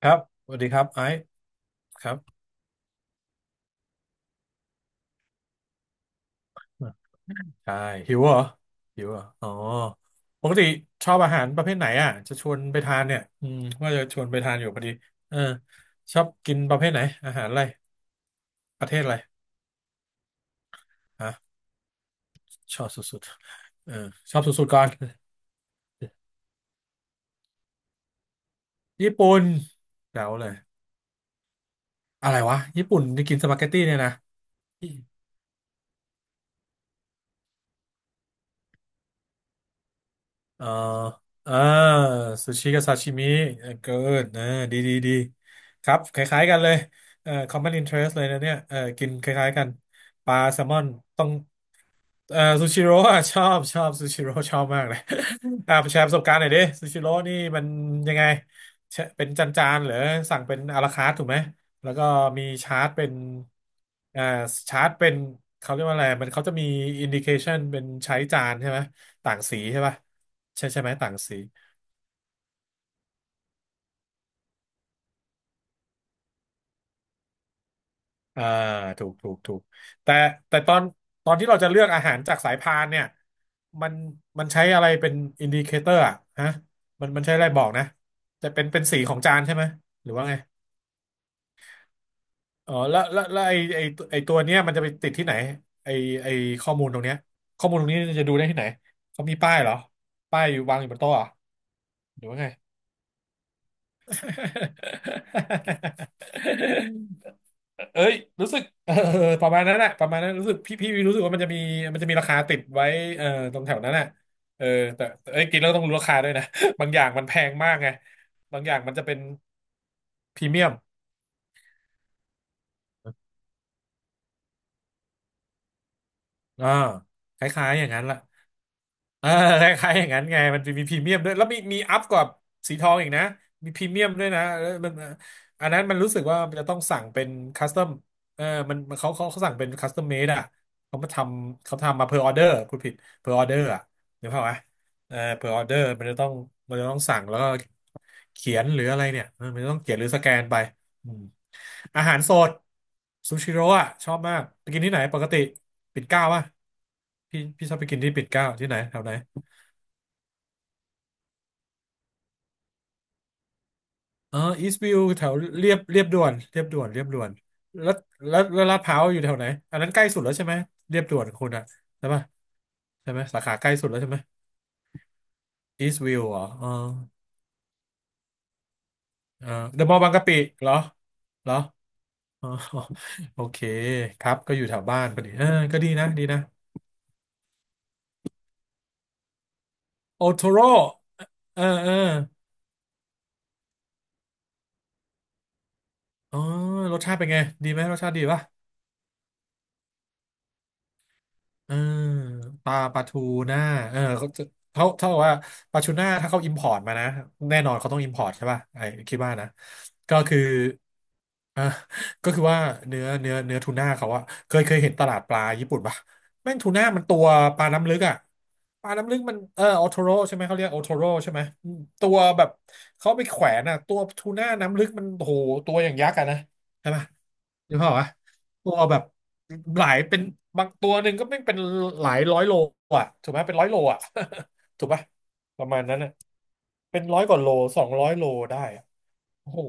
ครับสวัสดีครับไอซ์ครับใช่หิวเหรอหิวเหรออ๋อปกติชอบอาหารประเภทไหนอ่ะจะชวนไปทานเนี่ยว่าจะชวนไปทานอยู่พอดีเออชอบกินประเภทไหนอาหารอะไรประเทศอะไรฮะชอบสุดๆเออชอบสุดๆก่อนญี่ปุ่นเดาเลยอะไรวะญี่ปุ่นที่กินสปาเกตตี้เนี่ยนะ อ๋ออ่าซูชิกับซาชิมิเออเกินเออดีดีดีครับคล้ายๆ กันเลยcommon interest เลยนะเนี่ยเออกินคล้ายๆ กัน ปลาแซลมอน ต้อง ซูชิโร่อะชอบซูชิโร่ชอบมากเลย แชร์ประสบการณ์หน่อยดิซูชิโร่นี่มันยังไงแชเป็นจานๆเหรือสั่งเป็นอาราคาร์ทถูกไหมแล้วก็มีชาร์จเป็นอ่าชาร์จเป็นเขาเรียกว่าอะไรมันเขาจะมีอินดิเคชันเป็นใช้จานใช่ไหมต่างสีใช่ป่ะใช่ใช่ไหมต่างสี อ่าถูกถูกถูกแต่แต่ตอนที่เราจะเลือกอาหารจากสายพานเนี่ยมันมันใช้อะไรเป็นอินดิเคเตอร์อะฮะมันใช้อะไรบอกนะจะเป็นสีของจานใช่ไหมหรือว่าไงอ๋อแล้วไอตัวเนี้ยมันจะไปติดที่ไหนไอไอข้อมูลตรงเนี้ยข้อมูลตรงนี้จะดูได้ที่ไหนเขามีป้ายเหรอป้ายอยู่วางอยู่บนโต๊ะเหรอหรือว่าไง เอ้ยรู้สึกเออประมาณนั้นแหละประมาณนั้นรู้สึกพี่รู้สึกว่ามันจะมีราคาติดไว้เออตรงแถวนั้นน่ะเออแต่เอ้ยกินแล้วต้องรู้ราคาด้วยนะ บางอย่างมันแพงมากไงบางอย่างมันจะเป็นพรีเมียมอ่าคล้ายๆอย่างนั้นละ เออ คล้ายๆอย่างนั้นไงมันจะมีพรีเมียมด้วยแล้วมีอัพกว่าสีทองอีกนะมีพรีเมียมด้วยนะเออมันอันนั้นมันรู้สึกว่ามันจะต้องสั่งเป็นคัสตอมเออมันเขาสั่งเป็นคัสตอมเมดอ่ะเขามาทเขาทำมาเพอร์ออเดอร์คุณผิดเพอร์ออเดอร์อ่ะเดี๋ยวเข้าไหมเออเพอร์ออเดอร์มันจะต้องสั่งแล้วก็เขียนหรืออะไรเนี่ยเออมันจะต้องเขียนหรือสแกนไป อืมอาหารสดซูชิโร่อะชอบมากไปกินที่ไหนปกติปิ่นเกล้าป่ะพี่ชอบไปกินที่ปิ่นเกล้าที่ไหนแถวไหนเอออีสต์วิวแถวเรียบด่วนเรียบด่วนเรียบด่วนแล้วแล้วลาดพร้าวอยู่แถวไหนอันนั้นใกล้สุดแล้วใช่ไหมเรียบด่วนคุณอะใช่ป่ะใช่ไหมสาขาใกล้สุดแล้วใช่ไหมอีสต์วิวเหรอเออเออเดอะมอลล์บางกะปิเหรอเหรออ๋อ โอเคครับก็อยู่แถวบ้านพอดีเออก็ดีนะดีนะโอโทโร่เออเออ อ๋อรสชาติเป็นไงดีไหมรสชาติดีป่ะเออปลาทูน่าเออเขาจะเขาเท่ากับว่าปลาทูน่าถ้าเขาอิมพอร์ตมานะแน่นอนเขาต้องอิมพอร์ตใช่ป่ะไอ้คิดว่านะก็คืออ่ะก็คือว่าเนื้อทูน่าเขาอะเคยเห็นตลาดปลาญี่ปุ่นป่ะแม่งทูน่ามันตัวปลาน้ำลึกอะปลาน้ำลึกมันเออโอโทโรใช่ไหมเขาเรียกโอโทโรใช่ไหมตัวแบบเขาไปแขวนอะตัวทูน่าน้ำลึกมันโอ้โหตัวอย่างยักษ์อะนะใช่ปะ นึกภาพวะตัวแบบหลายเป็นบางตัวหนึ่งก็ไม่เป็นหลายร้อยโลอ่ะถูกไหมเป็นร้อยโลอ่ะ ถูกปะประมาณนั้นนะเป็น100 กว่าโล200 โลได้อะโอ้โห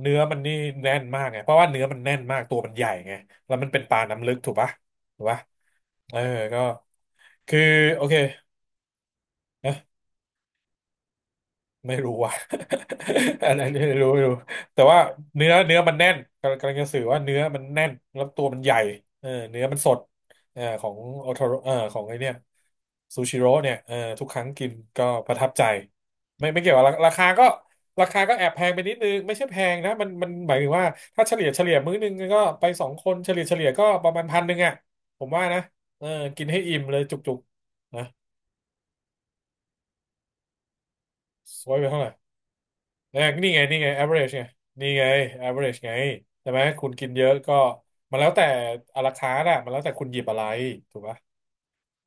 เนื้อมันนี่แน่นมากไงเพราะว่าเนื้อมันแน่นมากตัวมันใหญ่ไงแล้วมันเป็นปลาน้ำลึกถูกปะเออก็คือโอเค ไม่รู้ว่ะ อันนั้นไม่รู้แต่ว่าเนื้อมันแน่นกำลังจะสื่อว่าเนื้อมันแน่นแล้วตัวมันใหญ่เออเนื้อมันสดเออของโอโทโรเออของไอเนี่ยซูชิโร่เนี่ยเออทุกครั้งกินก็ประทับใจไม่เกี่ยวกับราคาก็แอบแพงไปนิดนึงไม่ใช่แพงนะมันมันหมายถึงว่าถ้าเฉลี่ยมื้อนึงก็ไปสองคนเฉลี่ยก็ประมาณพันหนึ่งอ่ะผมว่านะเออกินให้อิ่มเลยจุกๆนะซวยไปเท่าไหร่ เออนี่ไงนี่ไง average ไงนี่ไง average ไงใช่ไหมคุณกินเยอะก็มันแล้วแต่อะราคานะมันแล้วแต่คุณหยิบอะไรถูกปะ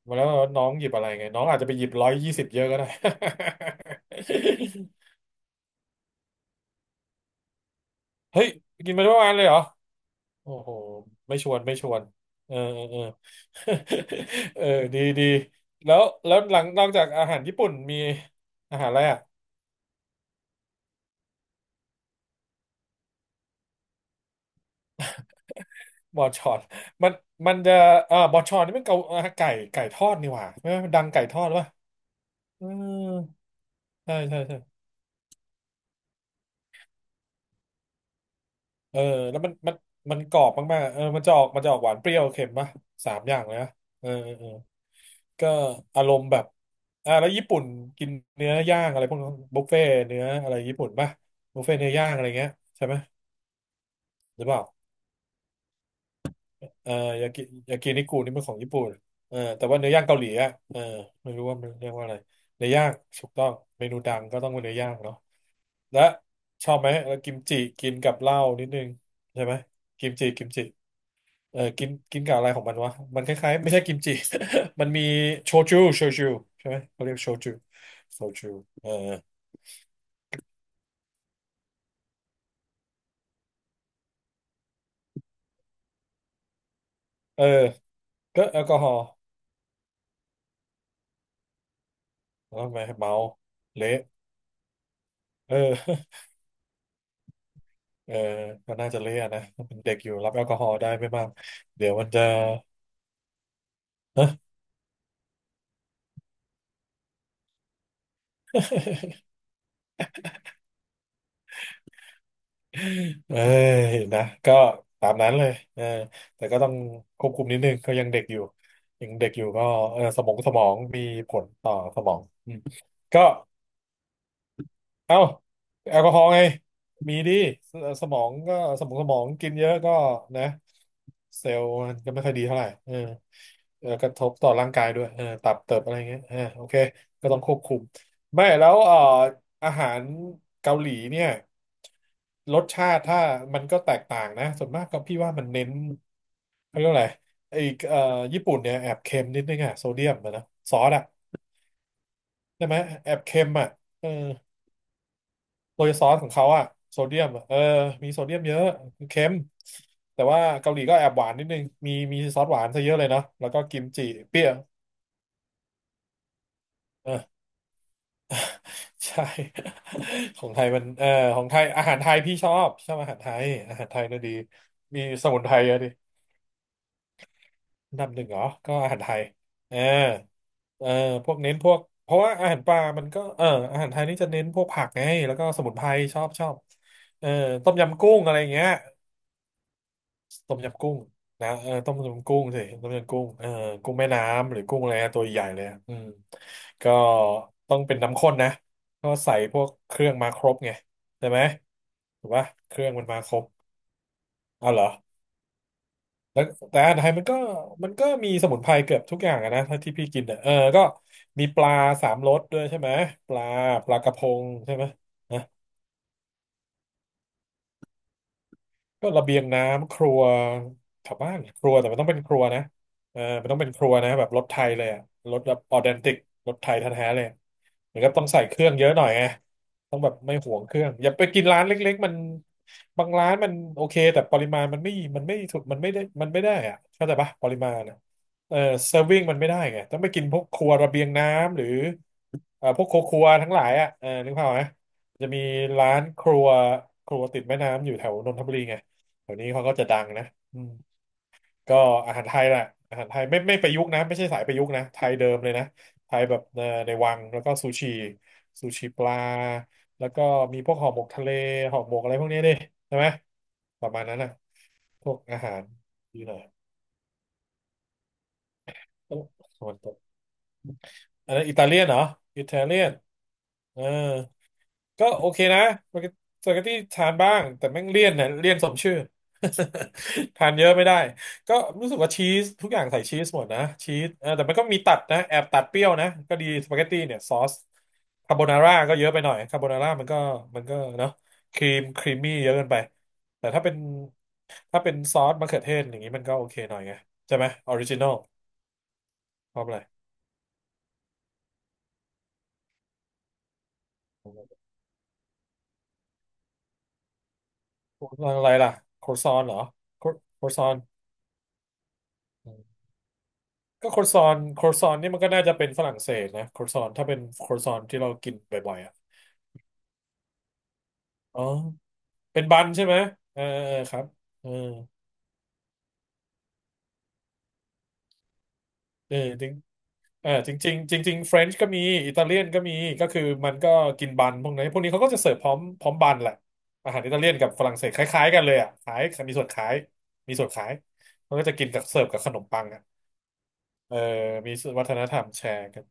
มันแล้วแต่ว่าน้องหยิบอะไรไงน้องอาจจะไปหยิบ120เยอะก็ได้ เฮ้ยกินมาทั้งวันเลยเหรอโอ้โหไม่ชวนไม่ชวนเออเออเออ เออดีดีแล้วแล้วหลังนอกจากอาหารญี่ปุ่นมีอาหารอะไรอ่ะบอชอนมันมันจะบอชอนนี่มันเกาอ่าไก่ไก่ทอดนี่หว่าใช่ไหมมันดังไก่ทอดหรือเปล่า อือใช่ใช่ใช่เออแล้วมันมันกรอบมากๆเออมันจะออกมันจะออกหวานเปรี้ยวเค็มป่ะสามอย่างเลยนะเออเออเออก็อารมณ์แบบอ่าแล้วญี่ปุ่นกินเนื้อย่างอะไรพวกนั้นบุฟเฟ่เนื้ออะไรญี่ปุ่นป่ะบุฟเฟ่เนื้อย่างอะไรเงี้ยใช่ไหมหรือเปล่าเออยากิยากินิกุนี่มันของญี่ปุ่นเออแต่ว่าเนื้อย่างเกาหลีอ่ะเออไม่รู้ว่ามันเรียกว่าอะไรเนื้อย่างถูกต้องเมนูดังก็ต้องเป็นเนื้อย่างเนาะและชอบไหมแล้วกิมจิกินกับเหล้านิดนึงใช่ไหมกิมจิกิมจิ เออกินกินกับอะไรของมันวะมันคล้ายๆไม่ใช่กิมจิ มันมีโชจูโชจูใช่ไหมเขาเรียกโชจูโชจูเออเออก็แอลกอฮอล์แล้วทำไมเมาเละเออ เออก็น่าจะเละอะนะเป็นเด็กอยู่รับแอลกอฮอล์ได้ไม่มากเดี๋ยวมันจะ เอ้ยนะก็ตามนั้นเลยเออแต่ก็ต้องควบคุมนิดนึงเขายังเด็กอยู่ยังเด็กอยู่ก็เออสมองสมองมีผลต่อสมองอืมก็ เอ้าแอลกอฮอล์ไงมีดิสสมองก็สมองสมองกินเยอะก็นะเซลล์มันก็ไม่ค่อยดีเท่าไหร่เออเออกระทบต่อร่างกายด้วยเออตับเติบอะไรเงี้ยเออโอเคก็ต้องควบคุมไม่แล้วอาหารเกาหลีเนี่ยรสชาติถ้ามันก็แตกต่างนะส่วนมากก็พี่ว่ามันเน้นเขาเรียกว่าอะไรไอ้เอ่อญี่ปุ่นเนี่ยแอบเค็มนิดนึงอะโซเดียมอะนะซอสอะใช่ไหมแอบเค็มอะเออ โรยซอสของเขาอะโซเดียมอะเออมีโซเดียมเยอะเค็มแต่ว่าเกาหลีก็แอบหวานนิดนึงมีมีซอสหวานซะเยอะเลยเนาะแล้วก็กิมจิเปรี้ยวเออ ใช่ ของไทยมันเออของไทยอาหารไทยพี่ชอบชอบอาหารไทยอาหารไทยน่ะดีมีสมุนไพรเยอะดิอันดับหนึ่งเหรอก็อาหารไทยเออเออพวกเน้นพวกเพราะว่าอาหารปลามันก็เอออาหารไทยนี่จะเน้นพวกผักไงแล้วก็สมุนไพรชอบชอบเออต้มยำกุ้งอะไรอย่างเงี้ย ต้มยำกุ้งนะเออต้มยำกุ้งสิต้มยำกุ้งเออกุ้งแม่น้ำหรือกุ้งอะไรนะตัวใหญ่เลยอะอืมก็ต้องเป็นน้ำข้นนะก็ใส่พวกเครื่องมาครบไงใช่ไหมถูกปะเครื่องมันมาครบเอาเหรอแล้วแต่อาหารไทยมันก็มันก็มีสมุนไพรเกือบทุกอย่างอะนะถ้าที่พี่กินอะเออก็มีปลาสามรสด้วยใช่ไหมปลาปลากระพงใช่ไหม ก็ระเบียงน้ำครัวแถวบ้านครัวแต่มันต้องเป็นครัวนะเออมันต้องเป็นครัวนะแบบรสไทยเลยอะรสแบบออเดนติกรสไทยแท้ๆเลยเหมือนกับต้องใส่เครื่องเยอะหน่อยไงต้องแบบไม่หวงเครื่องอย่าไปกินร้านเล็กๆมันบางร้านมันโอเคแต่ปริมาณมันไม่มันไม่ถูกมันไม่ได้มันไม่ได้อะเข้าใจปะปริมาณอะเออเซอร์วิงมันไม่ได้ไงต้องไปกินพวกครัวระเบียงน้ำหรือ พวกครัวๆทั้งหลายอ่ะเออนึกภาพไหมจะมีร้านครัวครัวติดแม่น้ำอยู่แถวนนทบุรีไงแถวนี้เขาก็จะดังนะอืมก็อาหารไทยแหละอาหารไทยไม่ประยุกต์นะไม่ใช่สายประยุกต์นะไทยเดิมเลยนะไทยแบบในวังแล้วก็ซูชิซูชิปลาแล้วก็มีพวกห่อหมกทะเลห่อหมกอะไรพวกนี้ดิใช่ไหมประมาณนั้นนะพวกอาหารอหน่อยโอ้ตะวันตกอันนั้นอิตาเลียนเหรออิตาเลียนเออ ก็โอเคนะสปาเกตเตตี้ทานบ้างแต่แม่งเลี่ยนนะเลี่ยนสมชื่อ ทานเยอะไม่ได้ก็รู้สึกว่าชีสทุกอย่างใส่ชีสหมดนะชีสเออแต่มันก็มีตัดนะแอบตัดเปรี้ยวนะก็ดีสปาเกตตี้เนี่ยซอสคาโบนาร่าก็เยอะไปหน่อยคาโบนาร่ามันก็มันก็เนาะครีมครีมมี่เยอะเกินไปแต่ถ้าเป็นถ้าเป็นซอสมะเขือเทศอย่างนี้มันก็โอเคหน่อยไงใช่ไหมออริจินอลชอบอะไรอะไรล่ะโครซอนเหรอโครซอน ก็โครซอนโครซอนนี่มันก็น่าจะเป็นฝรั่งเศสนะโครซอนถ้าเป็นโครซอนที่เรากินบ่อยๆอ่ะอ๋อเป็นบันใช่ไหมเออเออครับเออเออจริงเออจริงจริงจริงๆเฟรนช์ก็มีอิตาเลียนก็มีก็คือมันก็กินบันพวกนี้นพวกนี้เขาก็จะเสิร์ฟพร้อมพร้อมบันแหละอาหารอิตาเลียนกับฝรั่งเศสคล้ายๆกันเลยอ่ะขายมีส่วนขายมีส่วนขายมันก็จะกินกับเสิร์ฟกับขนมปังอ่ะเออมีวัฒนธรรมแชร์กัน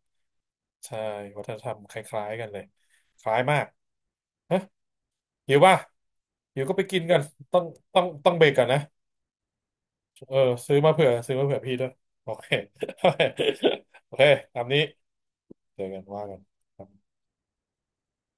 ใช่วัฒนธรรมคล้ายๆกันเลยคล้ายมาก หิวป่ะหิวก็ไปกินกันต้องต้องเบรกก่อนนะเออซื้อมาเผื่อซื้อมาเผื่อพี่ด้วยโอเคโอเคโอเคตามนี้เจอกันว่ากันครับ